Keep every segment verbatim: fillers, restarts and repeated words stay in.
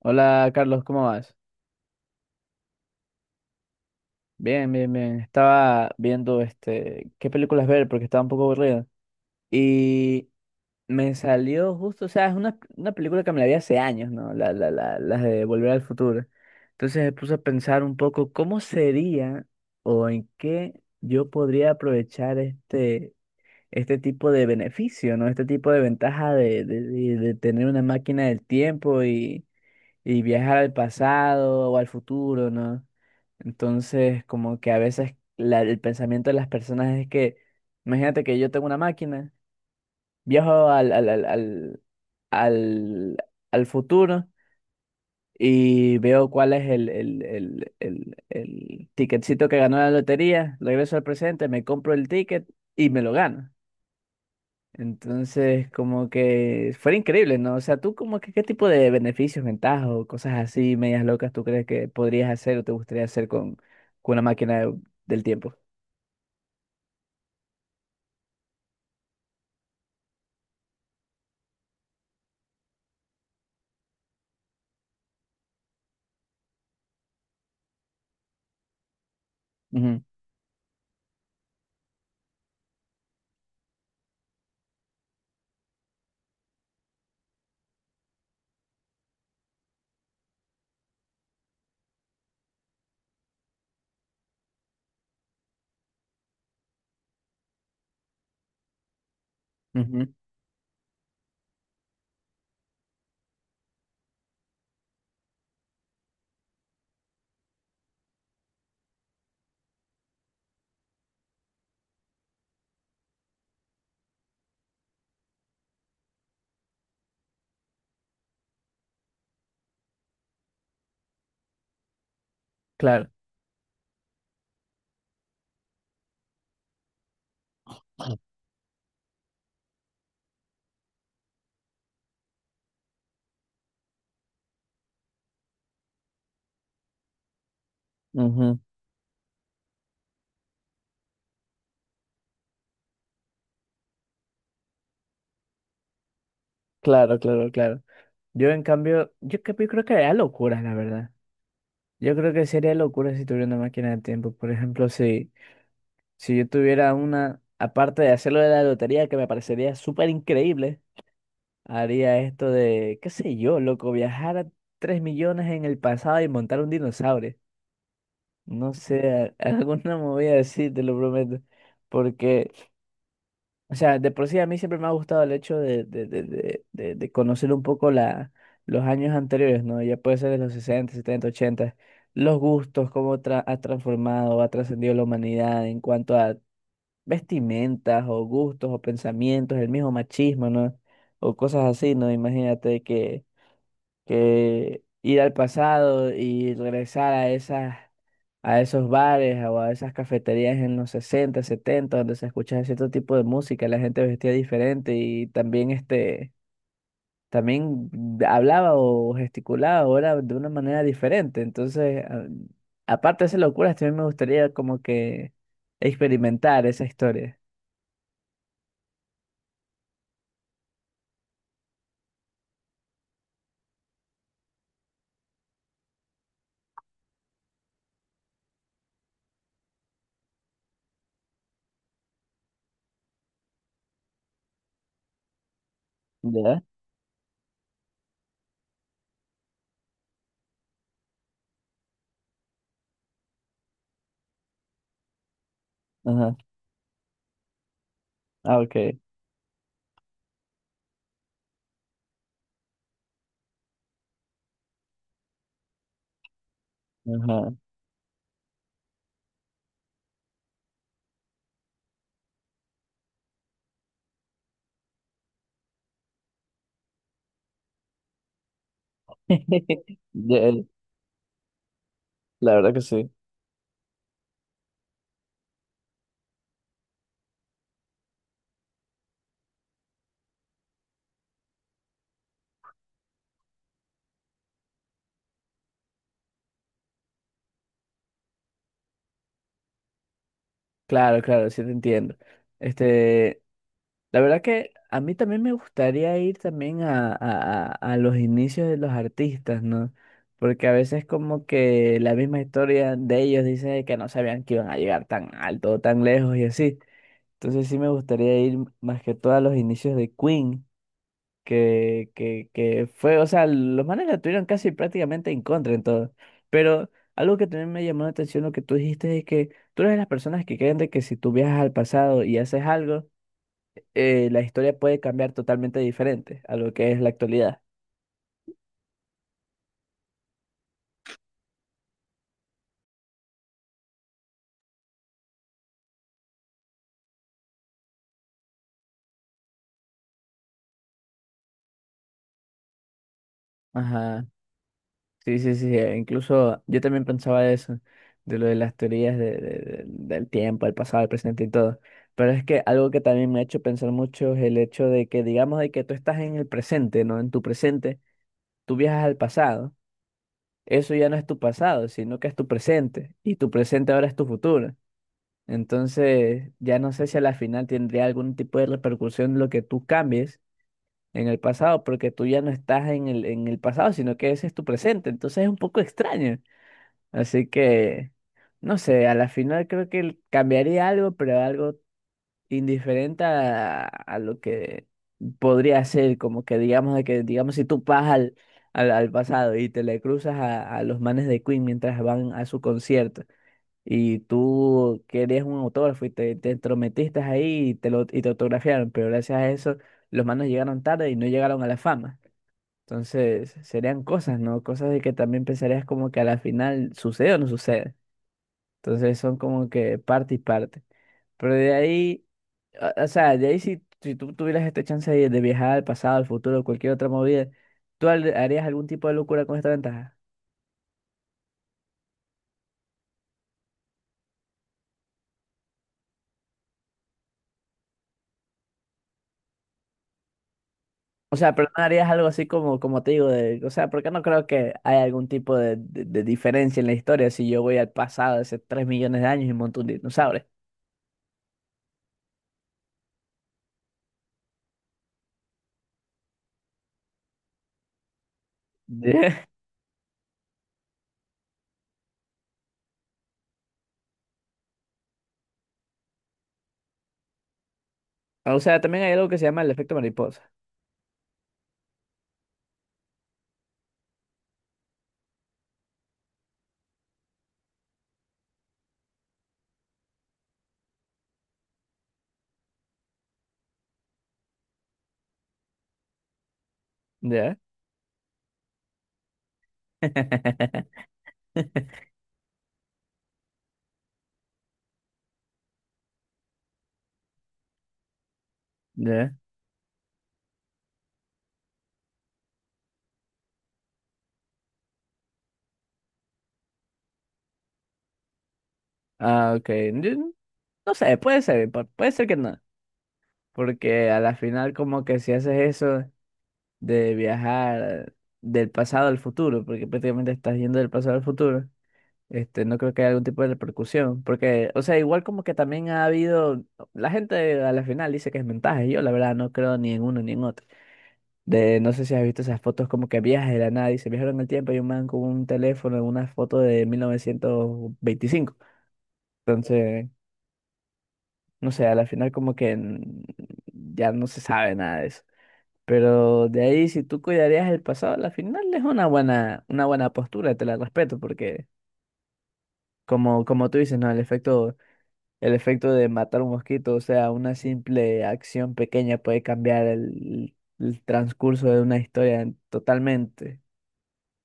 Hola, Carlos, ¿cómo vas? Bien, bien, bien. Estaba viendo este qué películas ver porque estaba un poco aburrido. Y me salió justo, o sea, es una, una película que me la vi hace años, ¿no? La, la, la, las de Volver al Futuro. Entonces me puse a pensar un poco cómo sería o en qué yo podría aprovechar este, este tipo de beneficio, ¿no? Este tipo de ventaja de, de, de de tener una máquina del tiempo y y viajar al pasado o al futuro, ¿no? Entonces, como que a veces la- el pensamiento de las personas es que, imagínate que yo tengo una máquina, viajo al, al, al, al, al, al futuro y veo cuál es el, el, el, el, el ticketcito que ganó la lotería, regreso al presente, me compro el ticket y me lo gano. Entonces, como que fuera increíble, ¿no? O sea, tú como que qué tipo de beneficios, ventajas o cosas así, medias locas, tú crees que podrías hacer o te gustaría hacer con, con una máquina de- del tiempo. Ujú, ujú, claro. Ujú, claro, claro, claro. Yo en cambio, yo, que- yo creo que haría locuras, la verdad. Yo creo que sería locura si tuviera una máquina del tiempo. Por ejemplo, si, si yo tuviera una, aparte de hacerlo de la lotería, que me parecería súper increíble. Haría esto de, qué sé yo, loco, viajar a tres millones en el pasado y montar un dinosaurio. No sé, a- alguna movida así, te lo prometo. Porque, o sea, de por sí a mí siempre me ha gustado el hecho de, de, de, de, de- de conocer un poco la, los años anteriores, ¿no? Ya puede ser de los sesenta, setenta, ochenta Los gustos, cómo tra- ha transformado, ha trascendido la humanidad en cuanto a vestimentas o gustos o pensamientos, el mismo machismo, ¿no? O cosas así, ¿no? Imagínate que que ir al pasado y regresar a esas, a esos bares o a esas cafeterías en los sesenta, setenta, donde se escuchaba cierto tipo de música, la gente vestía diferente y también este, también hablaba o gesticulaba ahora de una manera diferente. Entonces, a- aparte de esas locuras, también me gustaría como que experimentar esa historia. ¿Ya? Ajá. Ah, ok. Ajá. Ya, la verdad que sí. Claro, claro, sí te entiendo. Este, la verdad que a mí también me gustaría ir también a, a- a- a los inicios de los artistas, ¿no? Porque a veces como que la misma historia de ellos dice que no sabían que iban a llegar tan alto o tan lejos y así. Entonces sí me gustaría ir más que todo a los inicios de Queen que, que, que fue, o sea, los manes la tuvieron casi prácticamente en contra en todo. Pero algo que también me llamó la atención, lo que tú dijiste es que tú eres de las personas que creen de que si tú viajas al pasado y haces algo, eh, la historia puede cambiar totalmente diferente a lo que es la actualidad. Ajá, sí, sí, sí, eh, incluso yo también pensaba de eso, de lo de las teorías de, de- de- del tiempo, el pasado, el presente y todo. Pero es que algo que también me ha hecho pensar mucho es el hecho de que, digamos, de que tú estás en el presente, ¿no? En tu presente. Tú viajas al pasado, eso ya no es tu pasado, sino que es tu presente, y tu presente ahora es tu futuro. Entonces, ya no sé si a la final tendría algún tipo de repercusión lo que tú cambies en el pasado, porque tú ya no estás en el, en el pasado, sino que ese es tu presente. Entonces es un poco extraño. Así que, no sé, a la final creo que cambiaría algo, pero algo indiferente a, a lo que podría ser, como que digamos de que, digamos, si tú vas al, al, al pasado y te le cruzas a, a los manes de Queen mientras van a su concierto y tú querías un autógrafo y te, te entrometiste ahí y te lo y te autografiaron, pero gracias a eso los manes llegaron tarde y no llegaron a la fama. Entonces, serían cosas, ¿no? Cosas de que también pensarías como que a la final sucede o no sucede. Entonces son como que parte y parte. Pero de ahí, o o sea, de ahí, si, si tú tuvieras esta chance de, de viajar al pasado, al futuro, cualquier otra movida, ¿tú hal- harías algún tipo de locura con esta ventaja? O sea, pero no harías algo así como, como te digo, de, o sea, porque no creo que haya algún tipo de, de- de diferencia en la historia si yo voy al pasado hace tres millones de años y monto un dinosaurio. Ya. O sea, también hay algo que se llama el efecto mariposa. ¿Ya? ¿Ya? Ah, ok. Yo no sé, puede ser, pu- puede ser que no. Porque a la final como que si haces eso de viajar del pasado al futuro, porque prácticamente estás yendo del pasado al futuro, este, no creo que haya algún tipo de repercusión. Porque, o sea, igual como que también ha habido, la gente a la final dice que es mensaje, yo la verdad no creo ni en uno ni en otro. De, no sé si has visto esas fotos como que viajes de la nada y se viajaron en el tiempo y un man con un teléfono en una foto de mil novecientos veinticinco. Entonces, no sé, a la final como que mm, ya no se sabe nada de eso. Pero de ahí, si tú cuidarías el pasado, la final es una buena, una buena postura, te la respeto, porque como, como tú dices, ¿no? El efecto, el efecto de matar un mosquito, o sea, una simple acción pequeña puede cambiar el, el transcurso de una historia en- totalmente.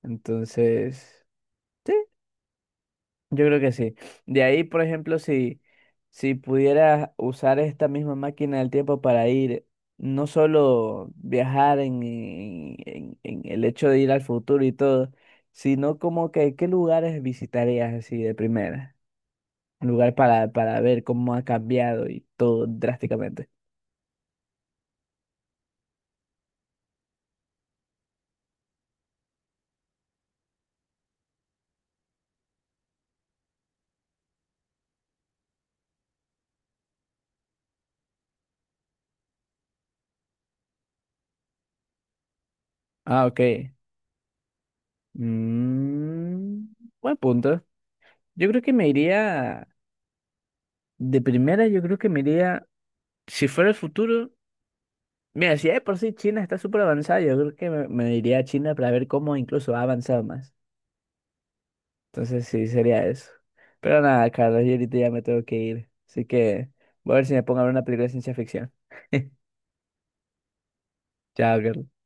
Entonces, yo creo que sí. De ahí, por ejemplo, si, si pudieras usar esta misma máquina del tiempo para ir, no solo viajar en, en- en- en el hecho de ir al futuro y todo, sino como que qué lugares visitarías así de primera. Un lugar para, para ver cómo ha cambiado y todo drásticamente. Ah, ok. Mm, buen punto. Yo creo que me iría, de primera, yo creo que me iría, si fuera el futuro. Mira, si de por sí China está súper avanzada, yo creo que me, me iría a China para ver cómo incluso ha avanzado más. Entonces sí, sería eso. Pero nada, Carlos, yo ahorita ya me tengo que ir. Así que voy a ver si me pongo a ver una película de ciencia ficción. Chao, Carlos.